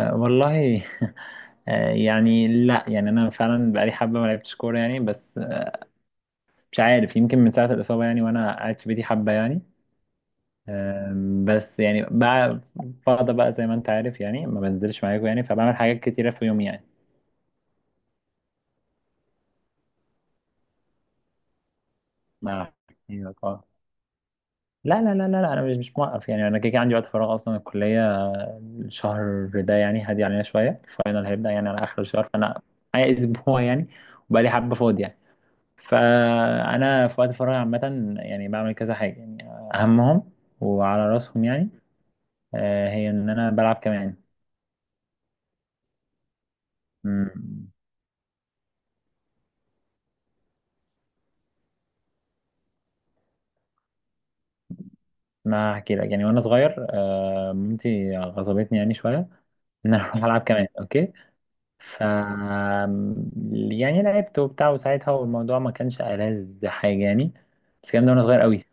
آه، والله آه، يعني لا يعني انا فعلا بقالي حبه ما لعبتش كوره يعني بس مش عارف يمكن من ساعه الاصابه يعني وانا قاعد في بيتي حبه يعني. بس يعني بقى فاضي بقى زي ما انت عارف يعني ما بنزلش معاكم يعني، فبعمل حاجات كتيره في يوم يعني. مع لا لا لا لا لا، انا مش موقف يعني، انا كده كده عندي وقت فراغ اصلا. الكليه الشهر ده يعني هادي علينا شويه، الفاينل هيبدا يعني على اخر الشهر، فانا معايا اسبوع يعني، وبقى لي حبه فاضي يعني. فانا في وقت فراغي عامه يعني بعمل كذا حاجه يعني. اهمهم وعلى راسهم يعني هي ان انا بلعب كمان. مم. ما هحكي لك، يعني وانا صغير مامتي غصبتني يعني شويه ان انا اروح العب كمان. اوكي، ف يعني لعبت وبتاع، وساعتها والموضوع ما كانش ألذ حاجه يعني. بس الكلام ده وانا صغير قوي.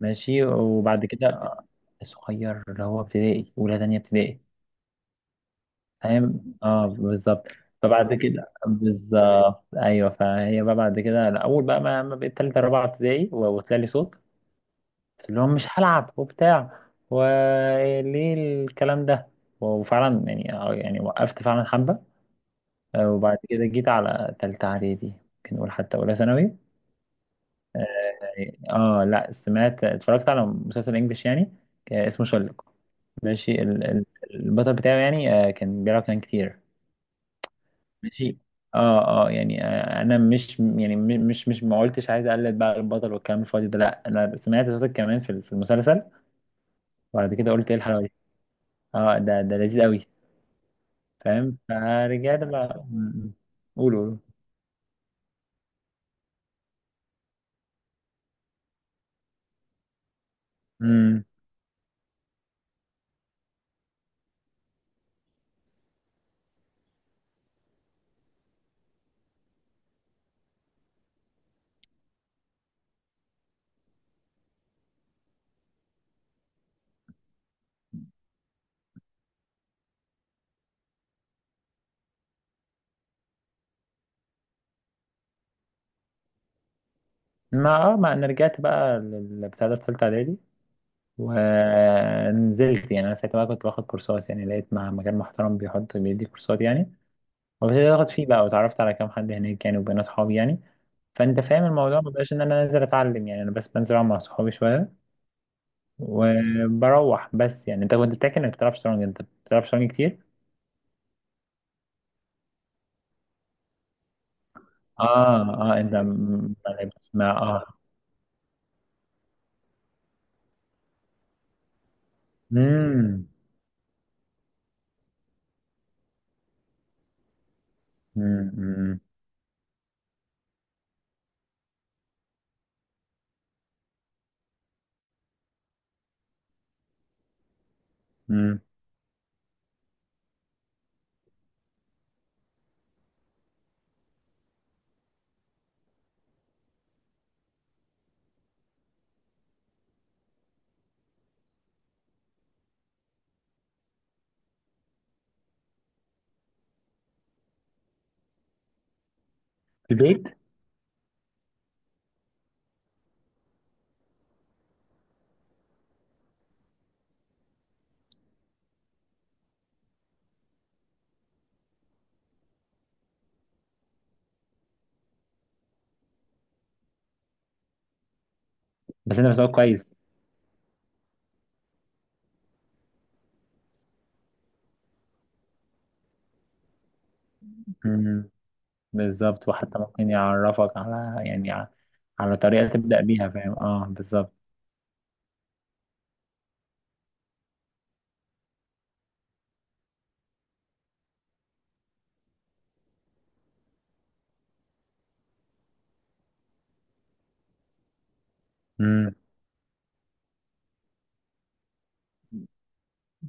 ماشي، وبعد كده صغير اللي هو ابتدائي، اولى تانية ابتدائي. فاهم، اه بالظبط. فبعد كده بالظبط، ايوه. فهي بقى بعد كده أنا اول بقى ما بقيت تالتة رابعة ابتدائي، و- وطلع لي صوت. قلت لهم مش هلعب وبتاع، وليه الكلام ده. وفعلا يعني، يعني وقفت فعلا حبة. وبعد كده جيت على تالتة اعدادي، ممكن نقول حتى اولى ثانوي. اه، لا، سمعت اتفرجت على مسلسل انجلش يعني اسمه شلق. ماشي البطل بتاعه يعني كان بيلعب كان كتير. ماشي. اه اه يعني، انا مش يعني مش ما قلتش عايز اقلد بقى البطل والكلام الفاضي ده، لا انا سمعت صوتك كمان في المسلسل. وبعد كده قلت، ايه الحلاوه دي؟ اه، ده لذيذ قوي. فاهم، فرجعت بقى م- م. قولوا قولوا. امم. ما انا رجعت بقى للبتاع ده في ثالثه اعدادي. ونزلت، يعني انا ساعتها بقى كنت باخد كورسات يعني، لقيت مع مكان محترم بيحط بيدي كورسات يعني، وابتديت اخد فيه بقى، واتعرفت على كام حد هناك يعني، وبقينا اصحاب يعني. فانت فاهم الموضوع ما بقاش ان انا نازل اتعلم يعني، انا بس بنزل العب مع صحابي شويه وبروح بس، يعني انت كنت بتحكي انك بتلعب شطرنج، انت بتلعب شطرنج كتير؟ اه اه، انت ما لعبتش مع امم. امم. امم. في البيت. بس انت مستواك كويس. امم. بالظبط، وحتى ممكن يعرفك على يعني، على طريقه تبدا بيها. فاهم، اه بالظبط.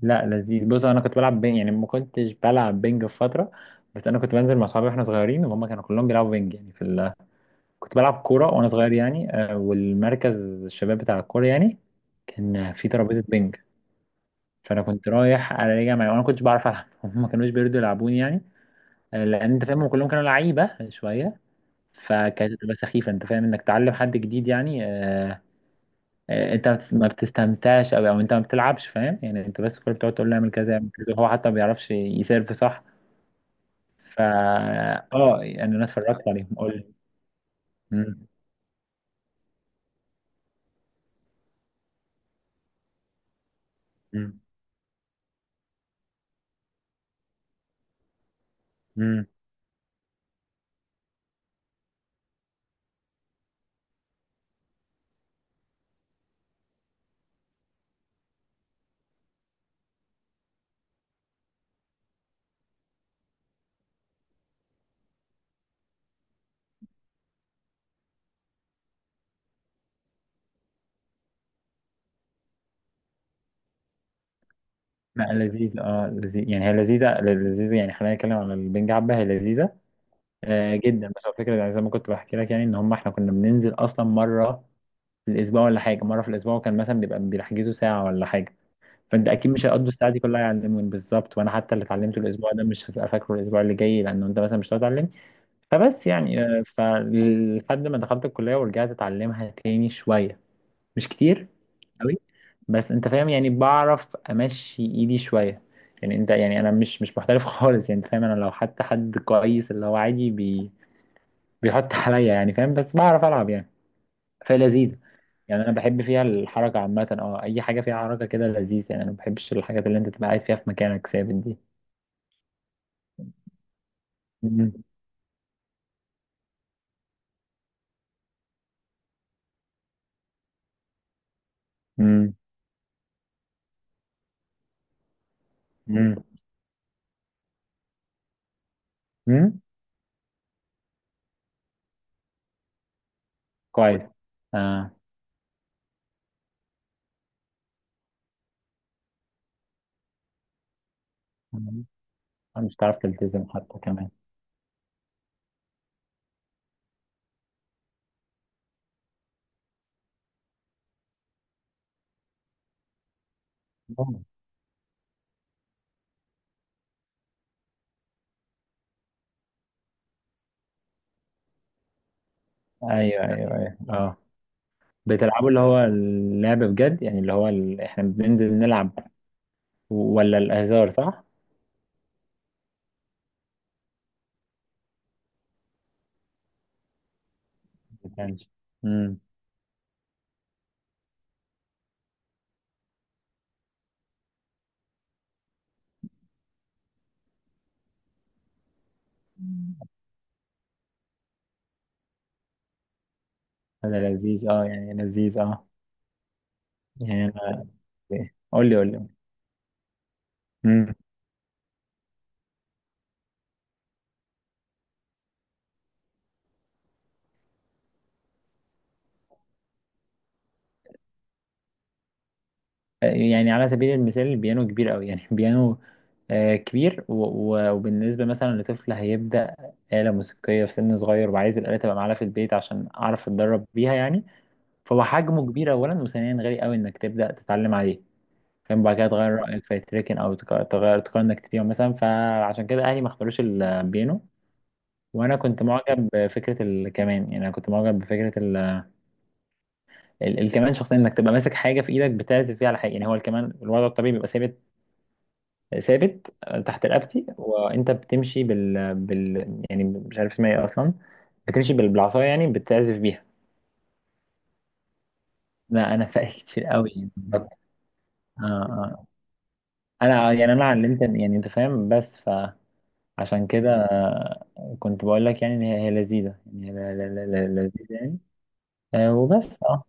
لا لذيذ، بص انا كنت بلعب بينج يعني، ما كنتش بلعب بينج في فتره. بس انا كنت بنزل مع صحابي واحنا صغيرين، وهم كانوا كلهم بيلعبوا بينج يعني كنت بلعب كوره وانا صغير يعني والمركز الشباب بتاع الكوره يعني، كان في ترابيزه بينج. فانا كنت رايح راجع معايا، وانا ما كنتش بعرف العب هم ما كانوش بيرضوا يلعبوني يعني لان انت فاهم هم كلهم كانوا لعيبه شويه. فكانت بتبقى سخيفه، انت فاهم انك تعلم حد جديد يعني، انت ما بتستمتعش او انت ما بتلعبش، فاهم يعني انت بس كل بتقعد تقول له اعمل كذا اعمل كذا، وهو حتى ما بيعرفش يسيرف صح. فا اه يعني انا اتفرجت عليهم، قول لي. مم. مم. مم. لا لذيذ، لذيذ يعني، هي لذيذه لذيذه يعني. خلينا نتكلم عن البنج حبه، هي لذيذه جدا. بس هو الفكره يعني، زي ما كنت بحكي لك يعني، ان هم احنا كنا بننزل اصلا مره في الاسبوع، ولا حاجه، مره في الاسبوع. وكان مثلا بيبقى بيحجزوا ساعه ولا حاجه، فانت اكيد مش هيقضوا الساعه دي كلها يعلموني بالظبط. وانا حتى اللي اتعلمته الاسبوع ده مش هبقى فاكره الاسبوع اللي جاي، لانه انت مثلا مش هتعلمني. فبس يعني، فلحد ما دخلت الكليه ورجعت اتعلمها تاني شويه، مش كتير قوي. بس انت فاهم يعني بعرف امشي ايدي شويه يعني، انت يعني انا مش محترف خالص يعني. انت فاهم انا لو حتى حد كويس اللي هو عادي بيحط عليا، يعني فاهم بس بعرف العب يعني. فلذيذة. يعني انا بحب فيها الحركة عامة، اه اي حاجة فيها حركة كده لذيذ يعني، انا ما بحبش الحاجات اللي انت تبقى قاعد فيها في مكانك ثابت دي. مم. مم. مم. مم. كويس، اه. مم. مش هتعرف تلتزم حتى كمان. مم. ايوه ايوه ايوه، اه. بتلعبوا اللي هو اللعب بجد يعني، اللي هو احنا بننزل نلعب، ولا الهزار صح؟ ما كانش. مم. هذا لذيذ، اه يعني لذيذ، اه يعني قول لي قول لي. يعني على سبيل المثال البيانو كبير قوي يعني بيانو كبير، وبالنسبة مثلا لطفل هيبدأ آلة موسيقية في سن صغير، وعايز الآلة تبقى معاه في البيت عشان أعرف أتدرب بيها يعني. فهو حجمه كبير أولا، وثانيا غالي قوي إنك تبدأ تتعلم عليه. فاهم، بعد كده تغير رأيك فيتركن، أو تق- تغير تقرر إنك تبيعه مثلا، فعشان كده أهلي ما اختاروش البيانو. وأنا كنت معجب بفكرة الكمان يعني، أنا كنت معجب بفكرة الكمان شخصيا، إنك تبقى ماسك حاجة في إيدك بتعزف فيها على حاجة يعني. هو الكمان الوضع الطبيعي بيبقى ثابت تحت رقبتي، وانت بتمشي يعني مش عارف اسمها ايه اصلا، بتمشي بالعصايه يعني بتعزف بيها. لا انا فايق كتير قوي يعني، آه آه. انا يعني انا علمت، يعني انت فاهم بس، فعشان كده كنت بقول لك يعني ان هي هي لذيذه يعني، هي لذيذه يعني. وبس، اه.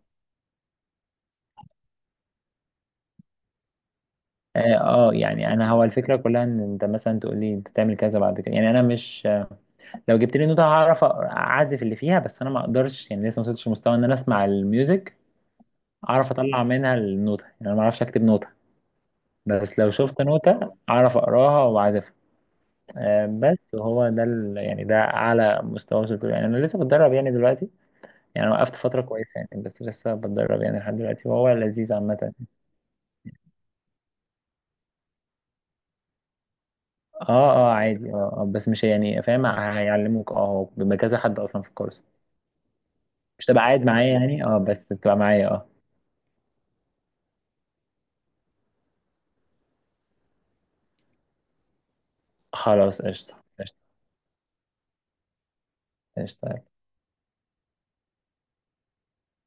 اه، يعني انا هو الفكره كلها ان انت مثلا تقول لي انت تعمل كذا بعد كده يعني، انا مش لو جبت لي نوتة هعرف اعزف اللي فيها. بس انا ما اقدرش يعني، لسه ما وصلتش لمستوى ان انا اسمع الميوزك اعرف اطلع منها النوتة، يعني انا ما اعرفش اكتب نوتة. بس لو شفت نوتة اعرف اقراها واعزفها. بس هو ده يعني ده اعلى مستوى وصلت له يعني، انا لسه بتدرب يعني دلوقتي. يعني أنا وقفت فترة كويسة يعني، بس لسه بتدرب يعني لحد دلوقتي، وهو لذيذ عامة. اه، اه عادي، اه بس مش يعني فاهم، هيعلموك اه. هو بيبقى كذا حد اصلا في الكورس، مش تبقى قاعد معايا يعني، اه بس بتبقى معايا اه. خلاص، قشطة قشطة. قشطة.